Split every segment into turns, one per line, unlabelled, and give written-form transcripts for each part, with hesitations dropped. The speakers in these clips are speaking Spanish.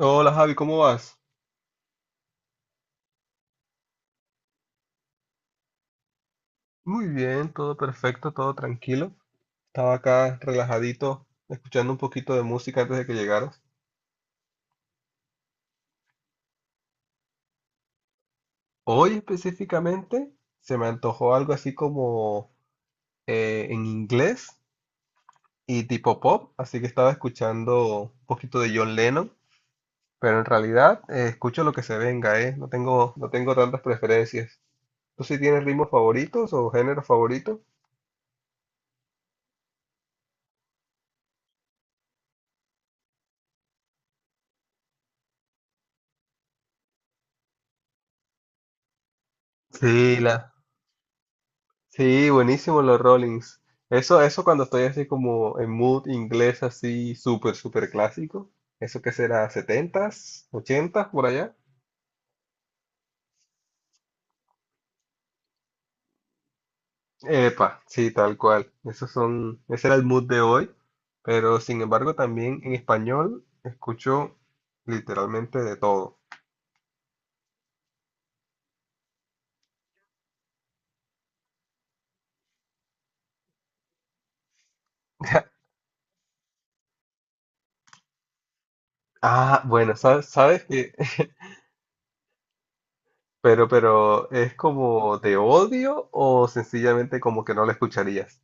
Hola Javi, ¿cómo vas? Muy bien, todo perfecto, todo tranquilo. Estaba acá relajadito, escuchando un poquito de música antes de que llegaras. Hoy específicamente se me antojó algo así como en inglés y tipo pop, así que estaba escuchando un poquito de John Lennon, pero en realidad escucho lo que se venga, ¿eh? No tengo tantas preferencias. ¿Tú sí tienes ritmos favoritos o géneros favoritos? Sí, la, Sí, buenísimo los Rollings. Eso cuando estoy así como en mood inglés, así súper clásico. ¿Eso qué será? Setentas, ochentas por allá. Epa, sí, tal cual. Ese era el mood de hoy. Pero sin embargo, también en español escucho literalmente de todo. Ah, bueno, ¿es como de odio o sencillamente como que no lo escucharías?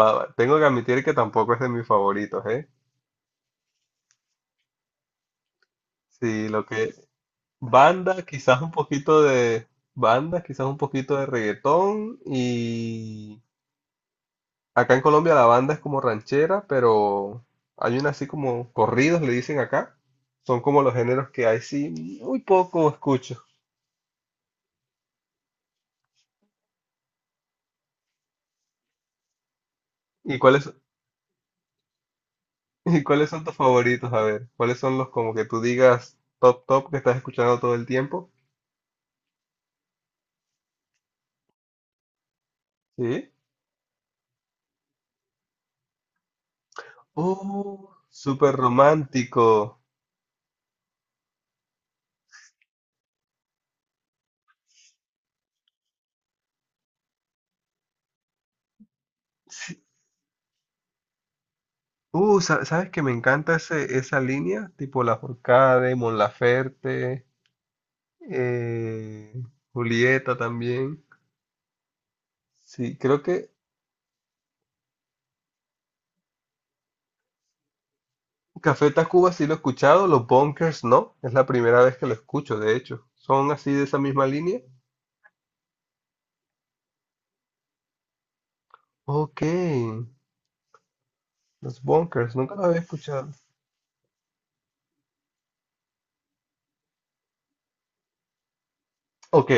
Tengo que admitir que tampoco es de mis favoritos, ¿eh? Sí, lo que banda, quizás un poquito de banda, quizás un poquito de reggaetón y acá en Colombia la banda es como ranchera, pero hay una así como corridos le dicen acá. Son como los géneros que hay sí muy poco escucho. ¿Y cuáles ¿Y cuáles son tus favoritos? A ver, ¿cuáles son los como que tú digas top que estás escuchando todo el tiempo? Sí. Oh, súper romántico. Sí, uh, ¿sabes que me encanta esa línea? Tipo La Forcade, Mon Laferte, eh, Julieta también. Sí, creo que Café Tacuba sí lo he escuchado, Los Bunkers no. Es la primera vez que lo escucho, de hecho. ¿Son así de esa misma línea? Ok, Los Bunkers, nunca lo había escuchado. Ok,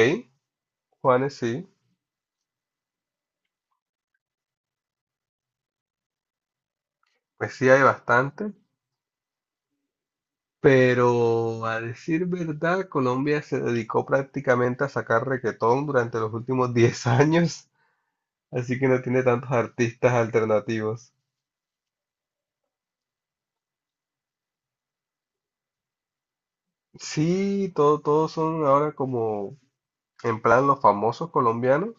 Juanes sí, pues sí hay bastante. Pero a decir verdad, Colombia se dedicó prácticamente a sacar reguetón durante los últimos 10 años. Así que no tiene tantos artistas alternativos. Sí, todos son ahora como en plan los famosos colombianos.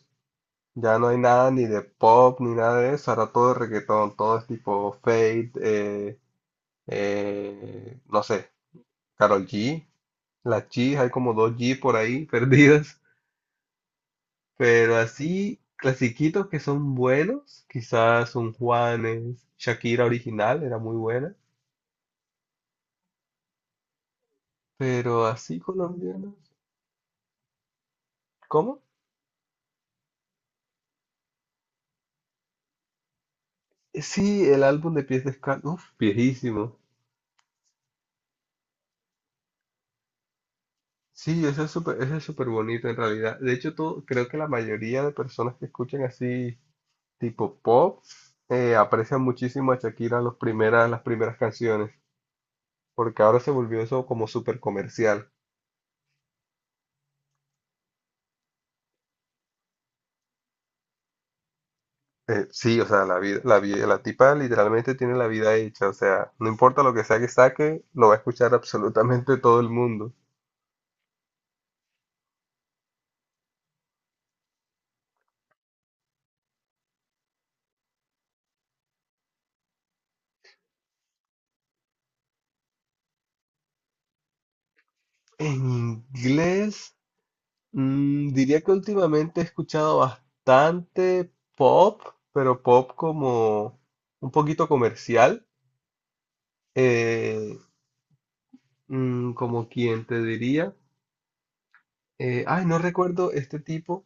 Ya no hay nada ni de pop ni nada de eso. Ahora todo es reggaetón, todo es tipo Fate, no sé, Karol G, la G, hay como dos G por ahí perdidas. Pero así, clasiquitos que son buenos, quizás un Juanes, Shakira original era muy buena. Pero así colombianos, ¿cómo? Sí, el álbum de Pies Descalzos, uf, viejísimo. Sí, ese es súper bonito en realidad. De hecho, todo, creo que la mayoría de personas que escuchan así tipo pop aprecian muchísimo a Shakira las primeras canciones, porque ahora se volvió eso como súper comercial. Sí, o sea, la vida, la tipa literalmente tiene la vida hecha, o sea, no importa lo que sea que saque, lo va a escuchar absolutamente todo el mundo. En inglés. Mm, diría que últimamente he escuchado bastante pop, pero pop como un poquito comercial, eh, como quien te diría. Ay, no recuerdo este tipo.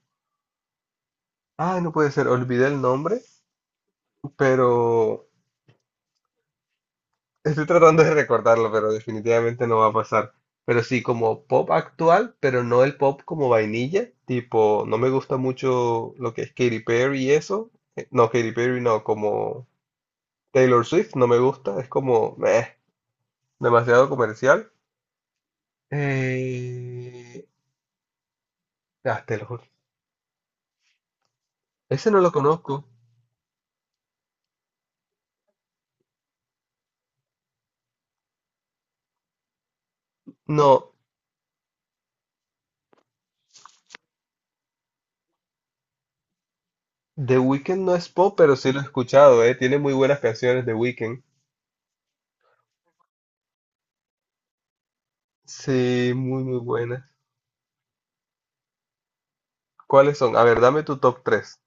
Ay, no puede ser, olvidé el nombre, pero estoy tratando de recordarlo, pero definitivamente no va a pasar. Pero sí, como pop actual, pero no el pop como vainilla, tipo, no me gusta mucho lo que es Katy Perry y eso. No, Katy Perry no, como... Taylor Swift no me gusta, es como meh, demasiado comercial. Eh, ah, Taylor lo Ese no lo conozco. No, The Weeknd no es pop, pero sí lo he escuchado, eh. Tiene muy buenas canciones The Weeknd. Sí, muy, muy buenas. ¿Cuáles son? A ver, dame tu top tres.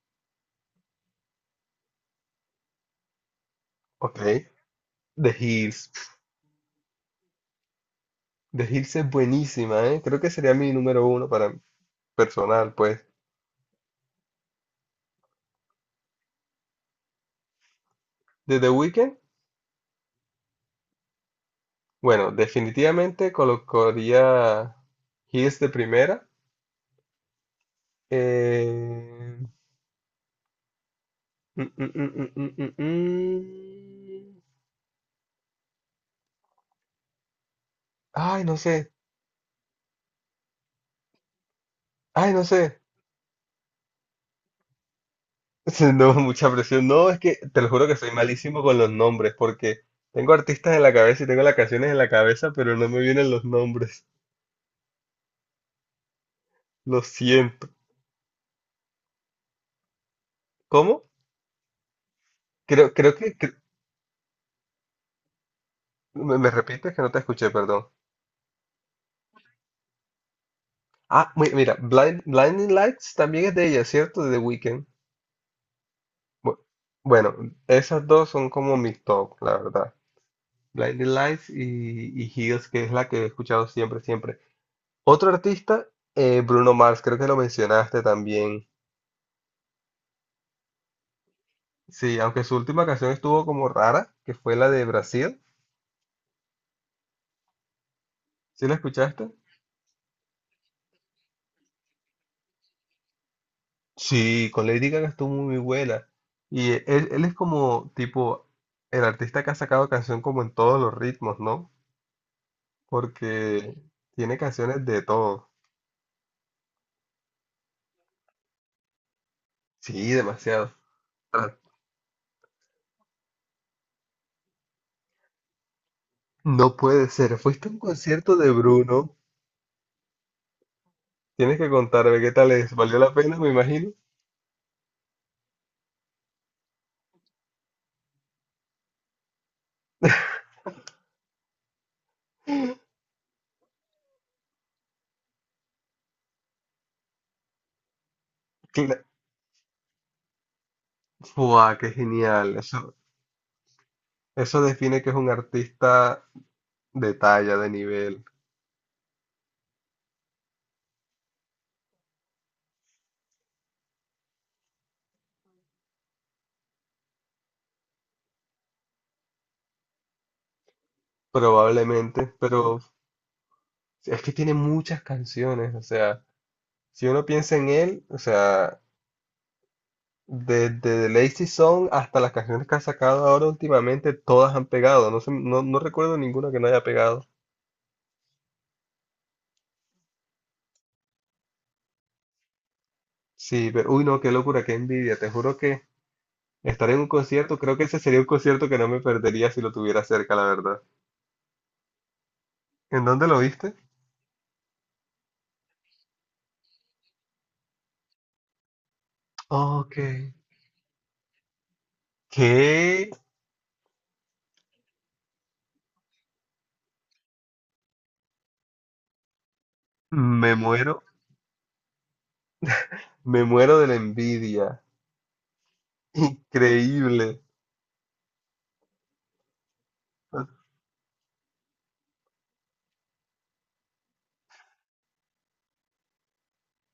Ok. The Hills. The Hills es buenísima, ¿eh? Creo que sería mi número uno para personal, pues. De The Weeknd, bueno, definitivamente colocaría Hills de primera. Eh, Mm, mm, mm, mm, mm, mm, mm. Ay, no sé. Ay, no sé. No, mucha presión. No, es que te lo juro que soy malísimo con los nombres porque tengo artistas en la cabeza y tengo las canciones en la cabeza, pero no me vienen los nombres. Lo siento. ¿Cómo? Creo, creo que... cre- me repites que no te escuché, perdón. Ah, mira, Blinding Lights también es de ella, ¿cierto? De The Weeknd. Bu- Bueno, esas dos son como mi top, la verdad. Blinding Lights y Heels, que es la que he escuchado siempre. Otro artista, Bruno Mars, creo que lo mencionaste también. Sí, aunque su última canción estuvo como rara, que fue la de Brasil. ¿Sí la escuchaste? Sí, con Lady Gaga estuvo muy buena. Y él es como, tipo, el artista que ha sacado canción como en todos los ritmos, ¿no? Porque tiene canciones de todo. Sí, demasiado. Ah, no puede ser. Fuiste a un concierto de Bruno. Tienes que contarme qué tal es. ¿Valió la pena, me imagino? Cla- Fua, qué genial. Eso define que es un artista de talla, de nivel, probablemente, pero es que tiene muchas canciones, o sea, si uno piensa en él, o sea, desde The Lazy Song hasta las canciones que ha sacado ahora últimamente, todas han pegado, no sé, no recuerdo ninguna que no haya pegado. Sí, pero, uy, no, qué locura, qué envidia, te juro que estar en un concierto, creo que ese sería un concierto que no me perdería si lo tuviera cerca, la verdad. ¿En dónde lo viste? Ok. ¿Qué? Me muero. Me muero de la envidia. Increíble.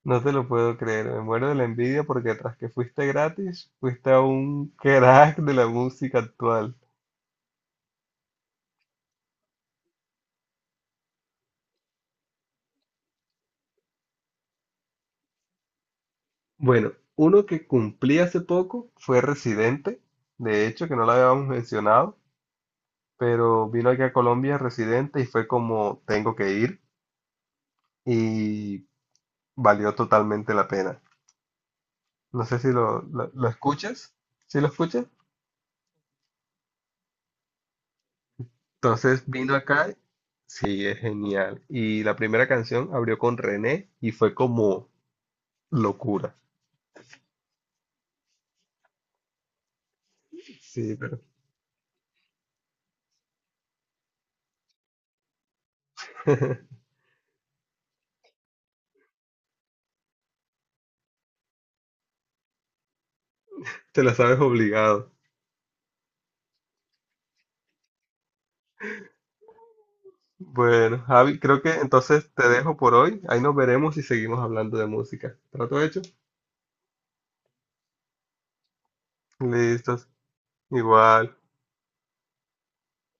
No te lo puedo creer. Me muero de la envidia porque tras que fuiste gratis, fuiste a un crack de la música actual. Bueno, uno que cumplí hace poco fue Residente. De hecho, que no lo habíamos mencionado, pero vino aquí a Colombia Residente y fue como tengo que ir y valió totalmente la pena. No sé si lo escuchas. ¿Sí lo escuchas? Entonces vino acá, sí, es genial. Y la primera canción abrió con René y fue como locura. Sí, pero te la sabes obligado. Bueno, Javi, creo que entonces te dejo por hoy. Ahí nos veremos y seguimos hablando de música. ¿Trato hecho? Listos. Igual.